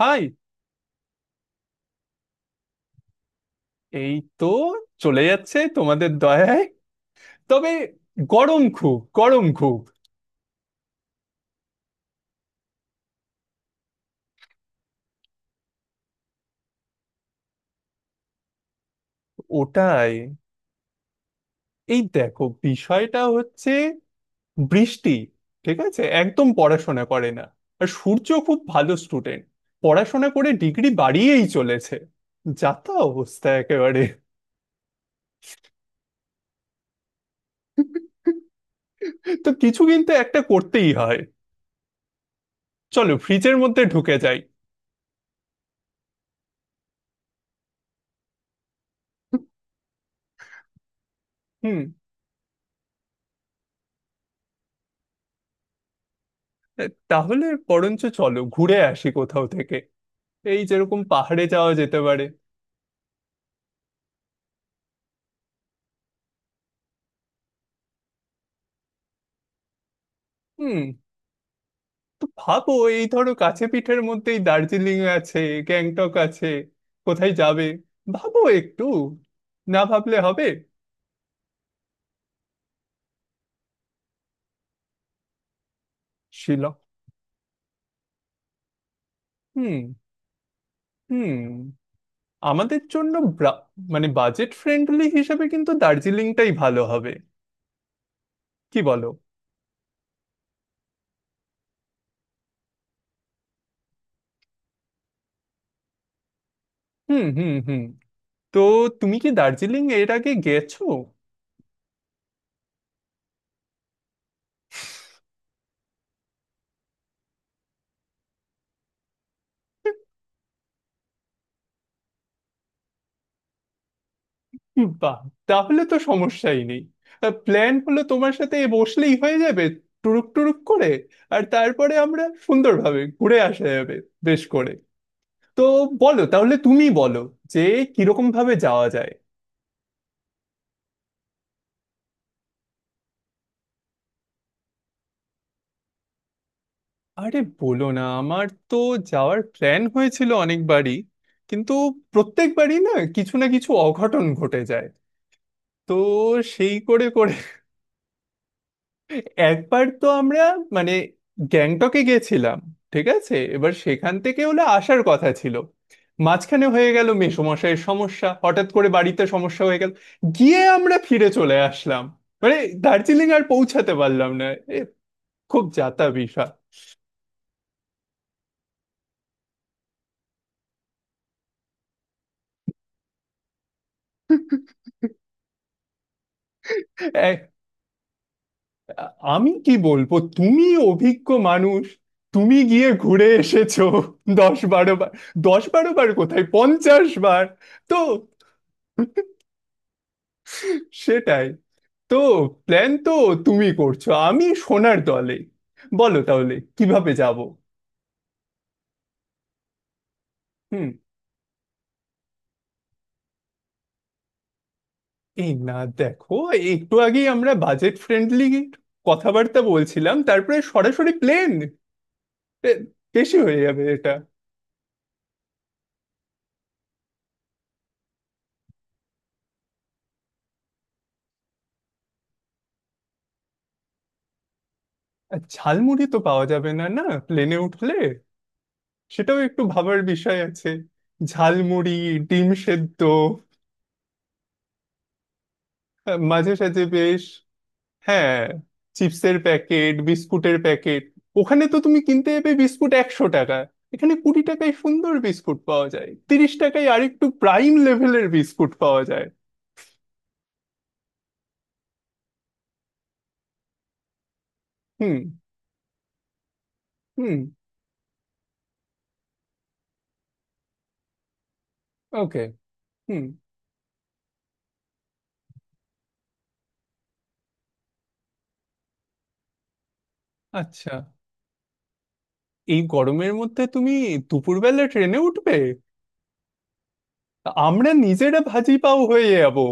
High. এই তো, চলে যাচ্ছে তোমাদের দয়ায়। তবে গরম, খুব গরম খুব। ওটাই। এই দেখো, বিষয়টা হচ্ছে বৃষ্টি ঠিক আছে একদম পড়াশোনা করে না। আর সূর্য খুব ভালো স্টুডেন্ট, পড়াশোনা করে ডিগ্রি বাড়িয়েই চলেছে। যা তা অবস্থা একেবারে। তো কিছু কিন্তু একটা করতেই হয়। চলো ফ্রিজের মধ্যে ঢুকে যাই। হুম। তাহলে বরঞ্চ চলো ঘুরে আসি কোথাও থেকে। এই যেরকম পাহাড়ে যাওয়া যেতে পারে। হুম। তো ভাবো, এই ধরো কাছে পিঠের মধ্যেই দার্জিলিং আছে, গ্যাংটক আছে। কোথায় যাবে ভাবো একটু, না ভাবলে হবে। শিলং। হুম। হুম। আমাদের জন্য মানে বাজেট ফ্রেন্ডলি হিসেবে কিন্তু দার্জিলিংটাই ভালো হবে, কি বলো। হুম হুম হুম। তো তুমি কি দার্জিলিং এর আগে গেছো? বাহ, তাহলে তো সমস্যাই নেই। প্ল্যান হলো, তোমার সাথে বসলেই হয়ে যাবে টুরুক টুরুক করে, আর তারপরে আমরা সুন্দরভাবে ঘুরে আসা যাবে বেশ করে। তো বলো, তাহলে তুমি বলো যে কিরকম ভাবে যাওয়া যায়। আরে বলো না, আমার তো যাওয়ার প্ল্যান হয়েছিল অনেকবারই, কিন্তু প্রত্যেকবারই না কিছু না কিছু অঘটন ঘটে যায়। তো সেই করে করে একবার তো আমরা মানে গ্যাংটকে গেছিলাম। ঠিক আছে, এবার সেখান থেকে হলে আসার কথা ছিল। মাঝখানে হয়ে গেল মেসোমশাইয়ের সমস্যা, হঠাৎ করে বাড়িতে সমস্যা হয়ে গেল, গিয়ে আমরা ফিরে চলে আসলাম। মানে দার্জিলিং আর পৌঁছাতে পারলাম না। এ, খুব যাতা বিষয়। এক- আমি কি বলবো, তুমি অভিজ্ঞ মানুষ, তুমি গিয়ে ঘুরে এসেছো 10-12 বার। 10-12 বার কোথায়, 50 বার। তো সেটাই। তো প্ল্যান তো তুমি করছো, আমি সোনার দলে। বলো তাহলে কিভাবে যাব। হুম। এই না, দেখো, একটু আগেই আমরা বাজেট ফ্রেন্ডলি কথাবার্তা বলছিলাম, তারপরে সরাসরি প্লেন বেশি হয়ে যাবে এটা। আর ঝালমুড়ি তো পাওয়া যাবে না না প্লেনে উঠলে, সেটাও একটু ভাবার বিষয় আছে। ঝালমুড়ি, ডিম সেদ্ধ, মাঝে সাঝে বেশ। হ্যাঁ, চিপসের প্যাকেট, বিস্কুটের প্যাকেট, ওখানে তো তুমি কিনতে যাবে বিস্কুট 100 টাকা, এখানে 20 টাকায় সুন্দর বিস্কুট পাওয়া যায়, 30 টাকায় আরেকটু প্রাইম লেভেলের বিস্কুট পাওয়া যায়। হুম হুম। ওকে। হুম। আচ্ছা, এই গরমের মধ্যে তুমি দুপুরবেলা ট্রেনে উঠবে, আমরা নিজেরা ভাজি পাও হয়ে যাবো।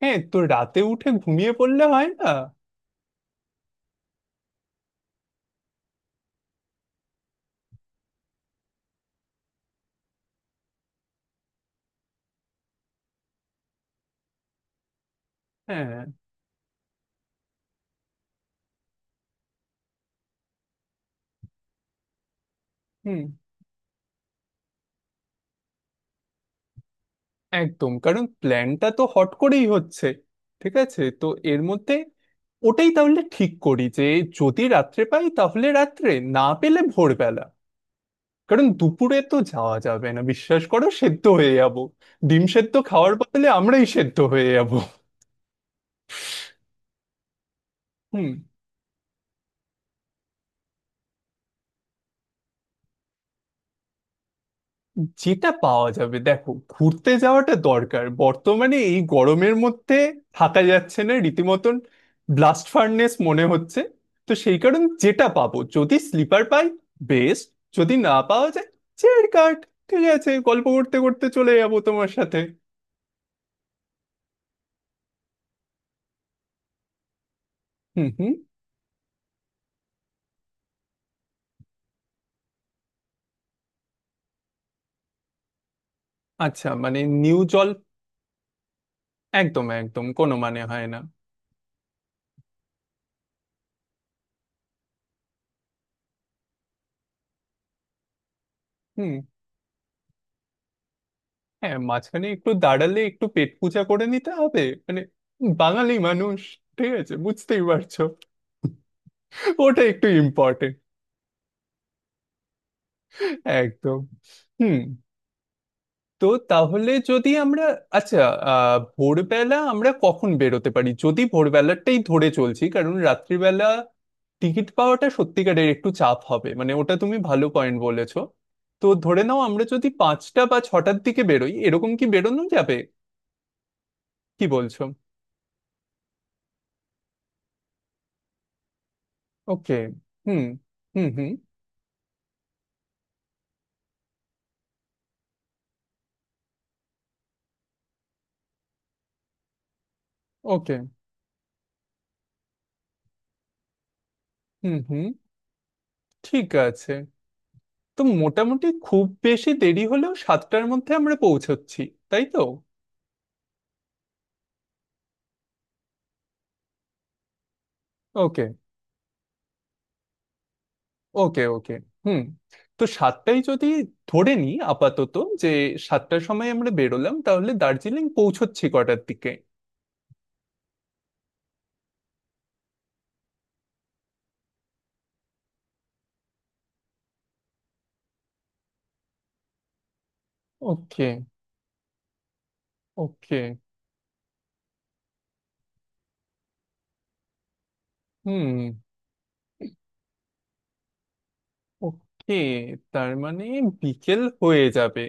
হ্যাঁ, তো রাতে উঠে ঘুমিয়ে পড়লে হয় না? হ্যাঁ। হুম। একদম, কারণ প্ল্যানটা তো হট করেই হচ্ছে। ঠিক আছে, তো এর মধ্যে ওটাই তাহলে ঠিক করি যে যদি রাত্রে পাই তাহলে রাত্রে, না পেলে ভোরবেলা, কারণ দুপুরে তো যাওয়া যাবে না, বিশ্বাস করো সেদ্ধ হয়ে যাব। ডিম সেদ্ধ খাওয়ার বদলে আমরাই সেদ্ধ হয়ে যাব। হুম। যেটা পাওয়া যাবে। দেখো, ঘুরতে যাওয়াটা দরকার, বর্তমানে এই গরমের মধ্যে থাকা যাচ্ছে না রীতিমতন, ব্লাস্ট ফার্নেস মনে হচ্ছে। তো সেই কারণে যেটা পাবো, যদি স্লিপার পাই বেস্ট, যদি না পাওয়া যায় চেয়ার কাট ঠিক আছে, গল্প করতে করতে চলে যাবো তোমার সাথে। হুম হুম। আচ্ছা মানে নিউ জল। একদম একদম, কোনো মানে হয় না। হুম। হ্যাঁ, মাঝখানে একটু দাঁড়ালে একটু পেট পূজা করে নিতে হবে। মানে বাঙালি মানুষ, ঠিক আছে বুঝতেই পারছো। ওটা একটু ইম্পর্টেন্ট। একদম। হুম। তো তাহলে যদি আমরা আচ্ছা ভোরবেলা আমরা কখন বেরোতে পারি, যদি ভোরবেলাটাই ধরে চলছি, কারণ রাত্রিবেলা টিকিট পাওয়াটা সত্যিকারের একটু চাপ হবে, মানে ওটা তুমি ভালো পয়েন্ট বলেছো। তো ধরে নাও আমরা যদি 5টা বা 6টার দিকে বেরোই এরকম, কি বেরোনো যাবে? কি বলছো? ওকে। হুম হুম হুম। ওকে। হুম হুম। ঠিক আছে, তো মোটামুটি খুব বেশি দেরি হলেও 7টার মধ্যে আমরা পৌঁছচ্ছি, তাই তো? ওকে ওকে। ওকে। হুম। তো 7টায় যদি ধরে নিই আপাতত যে 7টার সময় আমরা বেরোলাম, তাহলে দার্জিলিং পৌঁছচ্ছি কটার দিকে? ওকে। ওকে। হুম। ওকে। তার মানে বিকেল হয়ে যাবে,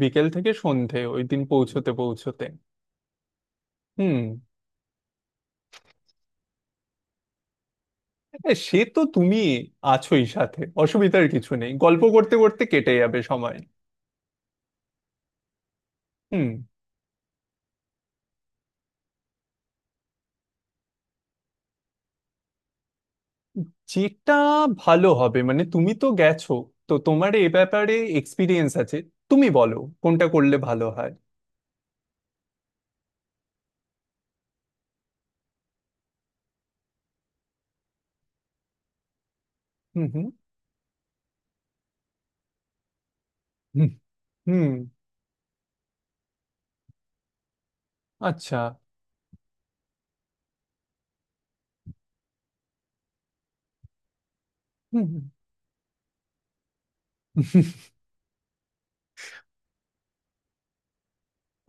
বিকেল থেকে সন্ধে ওই দিন পৌঁছতে পৌঁছতে। হুম। সে তো তুমি আছোই সাথে, অসুবিধার কিছু নেই, গল্প করতে করতে কেটে যাবে সময়। হুম। যেটা ভালো হবে, মানে তুমি তো গেছো, তো তোমার এ ব্যাপারে এক্সপিরিয়েন্স আছে, তুমি বলো কোনটা করলে ভালো হয়। হুম হুম হুম। হুম, আচ্ছা। হুম হুম।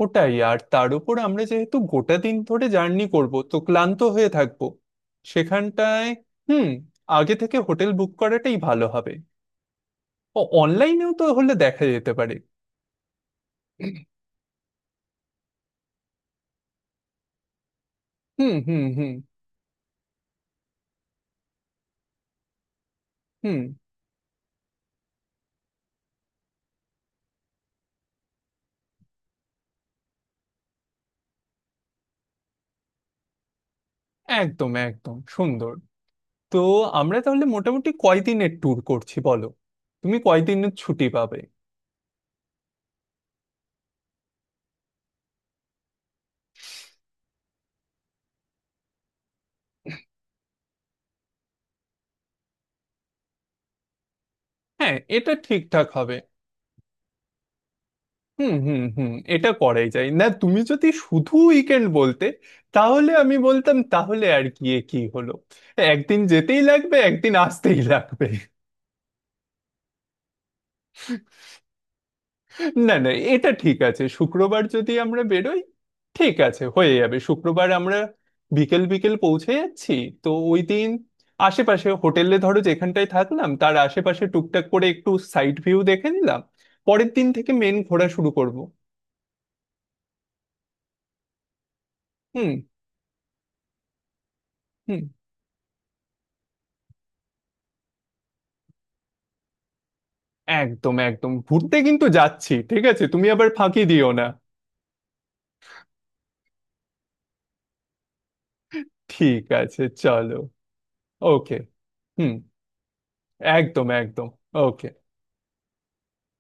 ওটাই, আর তার উপর আমরা যেহেতু গোটা দিন ধরে জার্নি করব, তো ক্লান্ত হয়ে থাকবো সেখানটায়। হুম। আগে থেকে হোটেল বুক করাটাই ভালো হবে। ও অনলাইনেও তো হলে দেখা যেতে পারে। হুম হুম হুম। হুম। একদম একদম, সুন্দর। তো আমরা তাহলে মোটামুটি কয়দিনের ট্যুর করছি বলো, তুমি কয়দিনের ছুটি পাবে? হ্যাঁ, এটা ঠিকঠাক হবে। হুম হুম হুম, এটা করাই যায়। না তুমি যদি শুধু উইকেন্ড বলতে, তাহলে আমি বলতাম তাহলে আর গিয়ে কি হলো, একদিন যেতেই লাগবে একদিন আসতেই লাগবে। না না, এটা ঠিক আছে। শুক্রবার যদি আমরা বেরোই ঠিক আছে, হয়ে যাবে। শুক্রবার আমরা বিকেল বিকেল পৌঁছে যাচ্ছি, তো ওই দিন আশেপাশে হোটেলে ধরো যেখানটায় থাকলাম তার আশেপাশে টুকটাক করে একটু সাইড ভিউ দেখে নিলাম, পরের দিন থেকে মেন ঘোরা শুরু করব। হুম হুম। একদম একদম ঘুরতে কিন্তু যাচ্ছি, ঠিক আছে, তুমি আবার ফাঁকি দিও না। ঠিক আছে চলো। ওকে। হুম। একদম একদম। ওকে।